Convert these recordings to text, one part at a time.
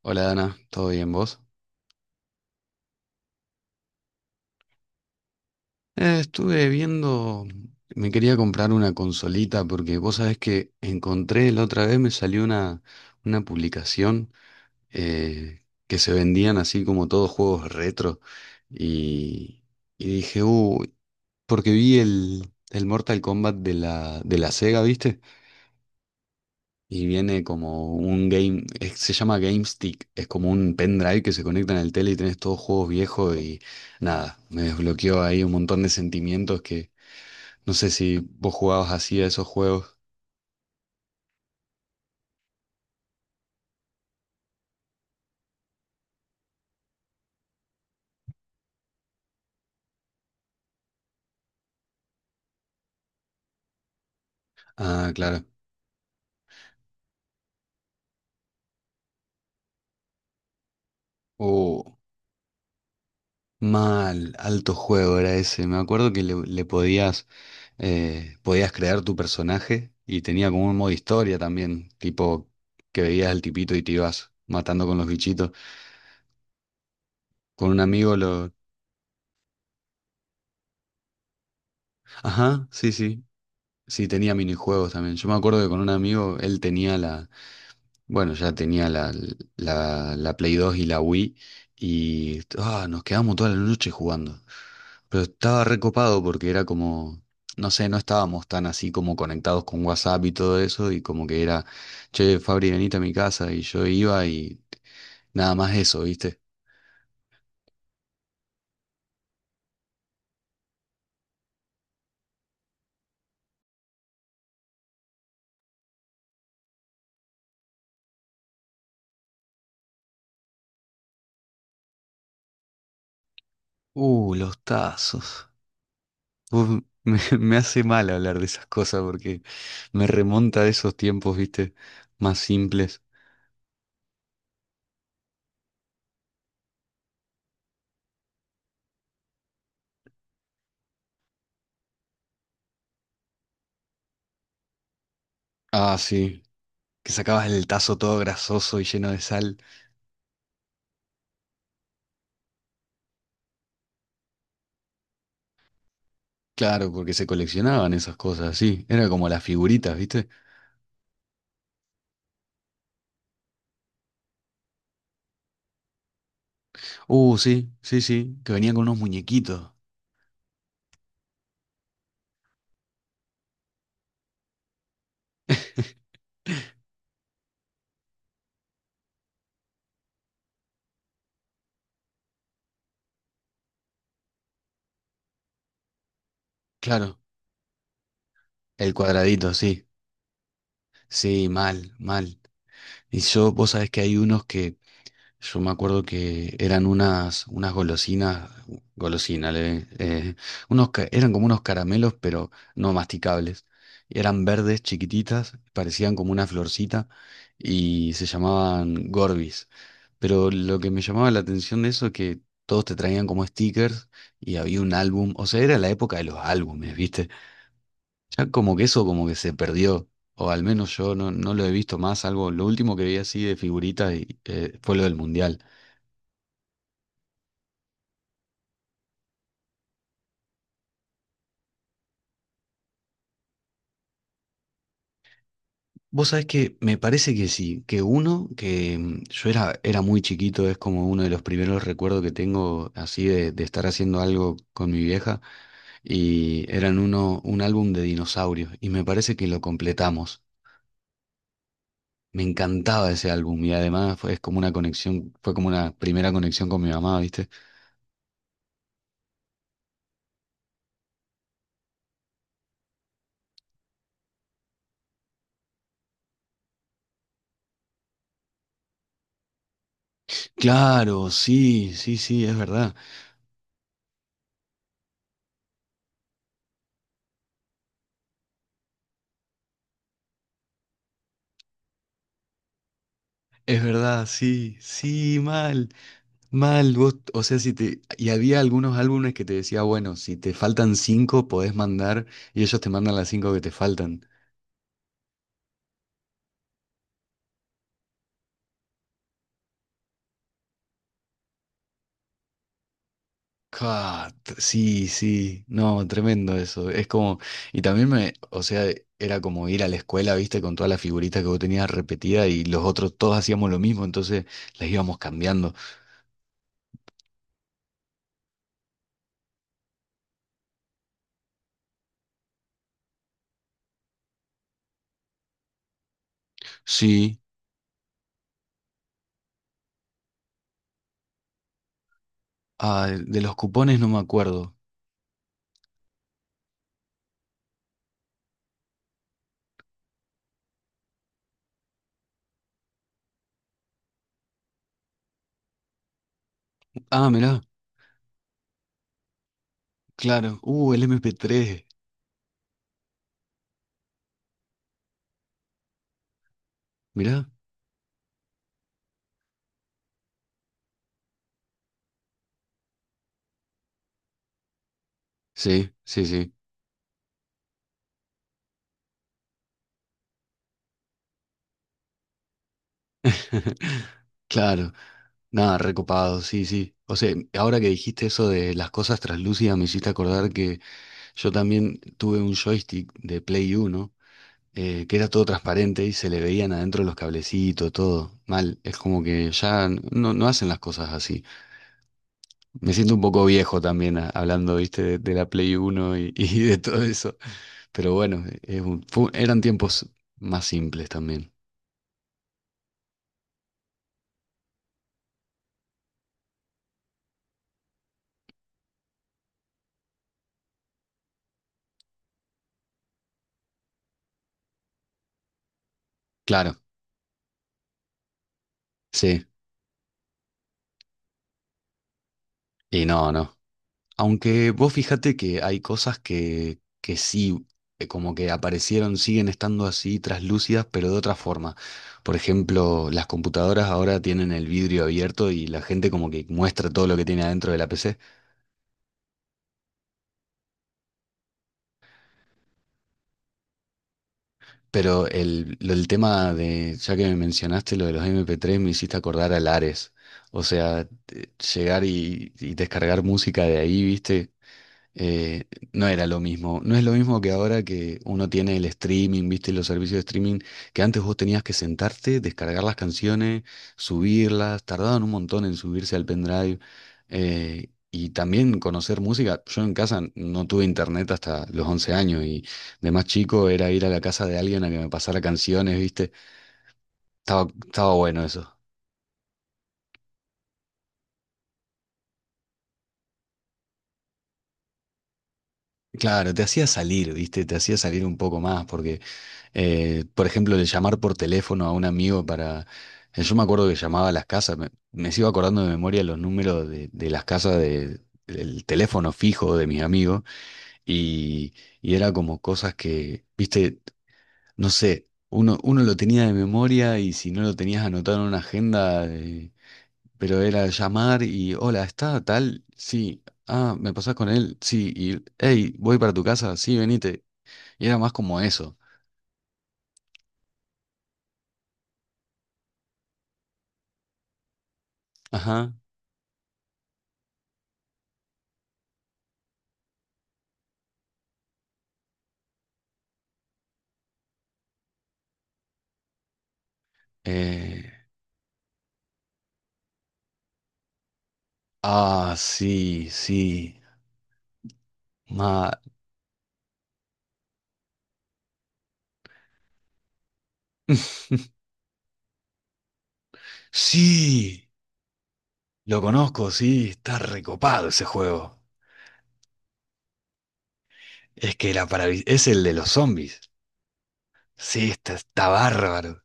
Hola Dana, ¿todo bien vos? Estuve viendo, me quería comprar una consolita porque vos sabés que encontré la otra vez, me salió una publicación que se vendían así como todos juegos retro y, dije, uy, porque vi el Mortal Kombat de de la Sega, ¿viste? Y viene como un game, se llama Game Stick, es como un pendrive que se conecta en el tele y tenés todos juegos viejos y nada, me desbloqueó ahí un montón de sentimientos que no sé si vos jugabas así a esos juegos. Ah, claro. Oh, mal, alto juego era ese. Me acuerdo que le podías, podías crear tu personaje y tenía como un modo historia también, tipo que veías al tipito y te ibas matando con los bichitos. Con un amigo lo... Ajá, sí, sí. Sí, tenía minijuegos también. Yo me acuerdo que con un amigo, él tenía la, bueno, ya tenía la, la Play dos y la Wii y ah, nos quedamos toda la noche jugando. Pero estaba recopado porque era como, no sé, no estábamos tan así como conectados con WhatsApp y todo eso y como que era, che, Fabri, venite a mi casa y yo iba y nada más eso, ¿viste? Los tazos. Uf, me hace mal hablar de esas cosas porque me remonta a esos tiempos, viste, más simples. Ah, sí, que sacabas el tazo todo grasoso y lleno de sal. Claro, porque se coleccionaban esas cosas, sí. Era como las figuritas, viste. Sí, sí, sí, que venían con unos muñequitos. Claro, el cuadradito, sí. Sí, mal, mal. Y yo, vos sabés que hay unos que yo me acuerdo que eran unas, unas golosinas, golosinas, unos, eran como unos caramelos, pero no masticables. Eran verdes, chiquititas, parecían como una florcita y se llamaban Gorbis. Pero lo que me llamaba la atención de eso es que todos te traían como stickers y había un álbum, o sea, era la época de los álbumes, ¿viste? Ya como que eso como que se perdió, o al menos yo no lo he visto más, algo, lo último que vi así de figuritas y, fue lo del Mundial. Vos sabés que me parece que sí, que uno, que yo era, era muy chiquito, es como uno de los primeros recuerdos que tengo así de estar haciendo algo con mi vieja, y eran uno, un álbum de dinosaurios, y me parece que lo completamos. Me encantaba ese álbum, y además fue, es como una conexión, fue como una primera conexión con mi mamá, ¿viste? Claro, sí, sí, sí, es verdad, sí, sí, mal. Mal, vos, o sea, si te, y había algunos álbumes que te decía, bueno, si te faltan cinco, podés mandar, y ellos te mandan las cinco que te faltan. Ca- sí, sí, no, tremendo eso. Es como, y también me, o sea, era como ir a la escuela, viste, con todas las figuritas que vos tenías repetidas y los otros todos hacíamos lo mismo, entonces las íbamos cambiando. Sí, ah, de los cupones no me acuerdo. Ah, mirá, claro, el MP3, mirá, sí, sí, sí. Claro. Nada, recopado, sí, sí. O sea, ahora que dijiste eso de las cosas translúcidas, me hiciste acordar que yo también tuve un joystick de Play 1, que era todo transparente y se le veían adentro los cablecitos, todo. Mal, es como que ya no, no hacen las cosas así. Me siento un poco viejo también hablando, viste, de la Play 1 y, y de todo eso. Pero bueno, eran tiempos más simples también. Claro, sí. Y no, no. Aunque vos fíjate que hay cosas que sí, como que aparecieron, siguen estando así traslúcidas, pero de otra forma. Por ejemplo, las computadoras ahora tienen el vidrio abierto y la gente como que muestra todo lo que tiene adentro de la PC. Pero el tema de, ya que me mencionaste lo de los MP3, me hiciste acordar al Ares. O sea, llegar y descargar música de ahí, ¿viste? eh, no era lo mismo. No es lo mismo que ahora que uno tiene el streaming, viste, los servicios de streaming, que antes vos tenías que sentarte, descargar las canciones, subirlas, tardaban un montón en subirse al pendrive. Y también conocer música. Yo en casa no tuve internet hasta los 11 años y de más chico era ir a la casa de alguien a que me pasara canciones, viste. Estaba bueno eso. Claro, te hacía salir, viste, te hacía salir un poco más, porque por ejemplo, el llamar por teléfono a un amigo para... yo me acuerdo que llamaba a las casas, me sigo acordando de memoria los números de las casas de, del teléfono fijo de mis amigos y, y era como cosas que, viste, no sé, uno, uno lo tenía de memoria y si no lo tenías anotado en una agenda, pero era llamar y, hola, ¿está tal? Sí. Ah, ¿me pasás con él? Sí. Y, hey, ¿voy para tu casa? Sí, venite. Y era más como eso. Ajá. eh, Ah, sí, sí. Ma... Sí, lo conozco, sí, está recopado ese juego. Es que era para... es el de los zombies. Sí, está, está bárbaro.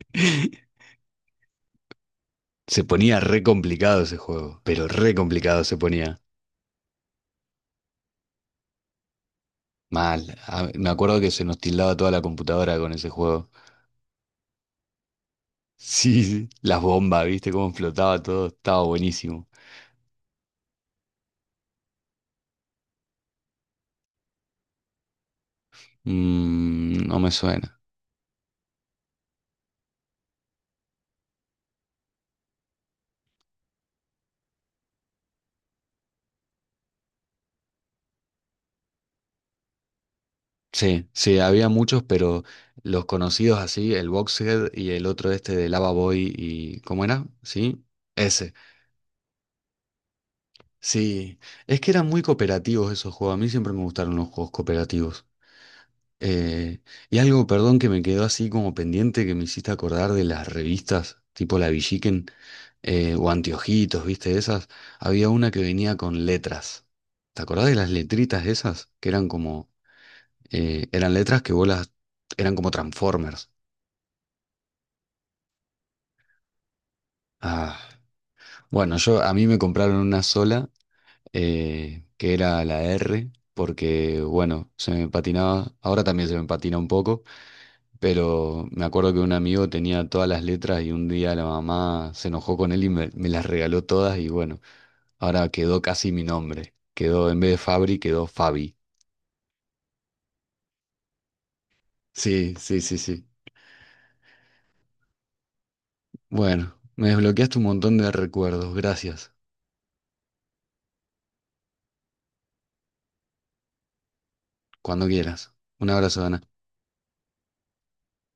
Se ponía re complicado ese juego, pero re complicado se ponía. Mal. Ah, me acuerdo que se nos tildaba toda la computadora con ese juego. Sí, sí, las bombas, ¿viste cómo flotaba todo? Estaba buenísimo. Mm, no me suena. Sí, sí, había muchos, pero los conocidos así, el Boxhead y el otro este de Lava Boy y... ¿Cómo era? ¿Sí? Ese. Sí, es que eran muy cooperativos esos juegos. A mí siempre me gustaron los juegos cooperativos. Eh, y algo, perdón, que me quedó así como pendiente que me hiciste acordar de las revistas, tipo La Villiquen o Anteojitos, ¿viste? Esas. Había una que venía con letras. ¿Te acordás de las letritas esas? Que eran como... eran letras que vos las... eran como Transformers. Ah, bueno, yo a mí me compraron una sola, que era la R, porque bueno, se me patinaba, ahora también se me patina un poco, pero me acuerdo que un amigo tenía todas las letras y un día la mamá se enojó con él y me las regaló todas y bueno, ahora quedó casi mi nombre. Quedó, en vez de Fabri, quedó Fabi. Sí, sí, sí, sí. Bueno, me desbloqueaste un montón de recuerdos, gracias. Cuando quieras. Un abrazo, Dana.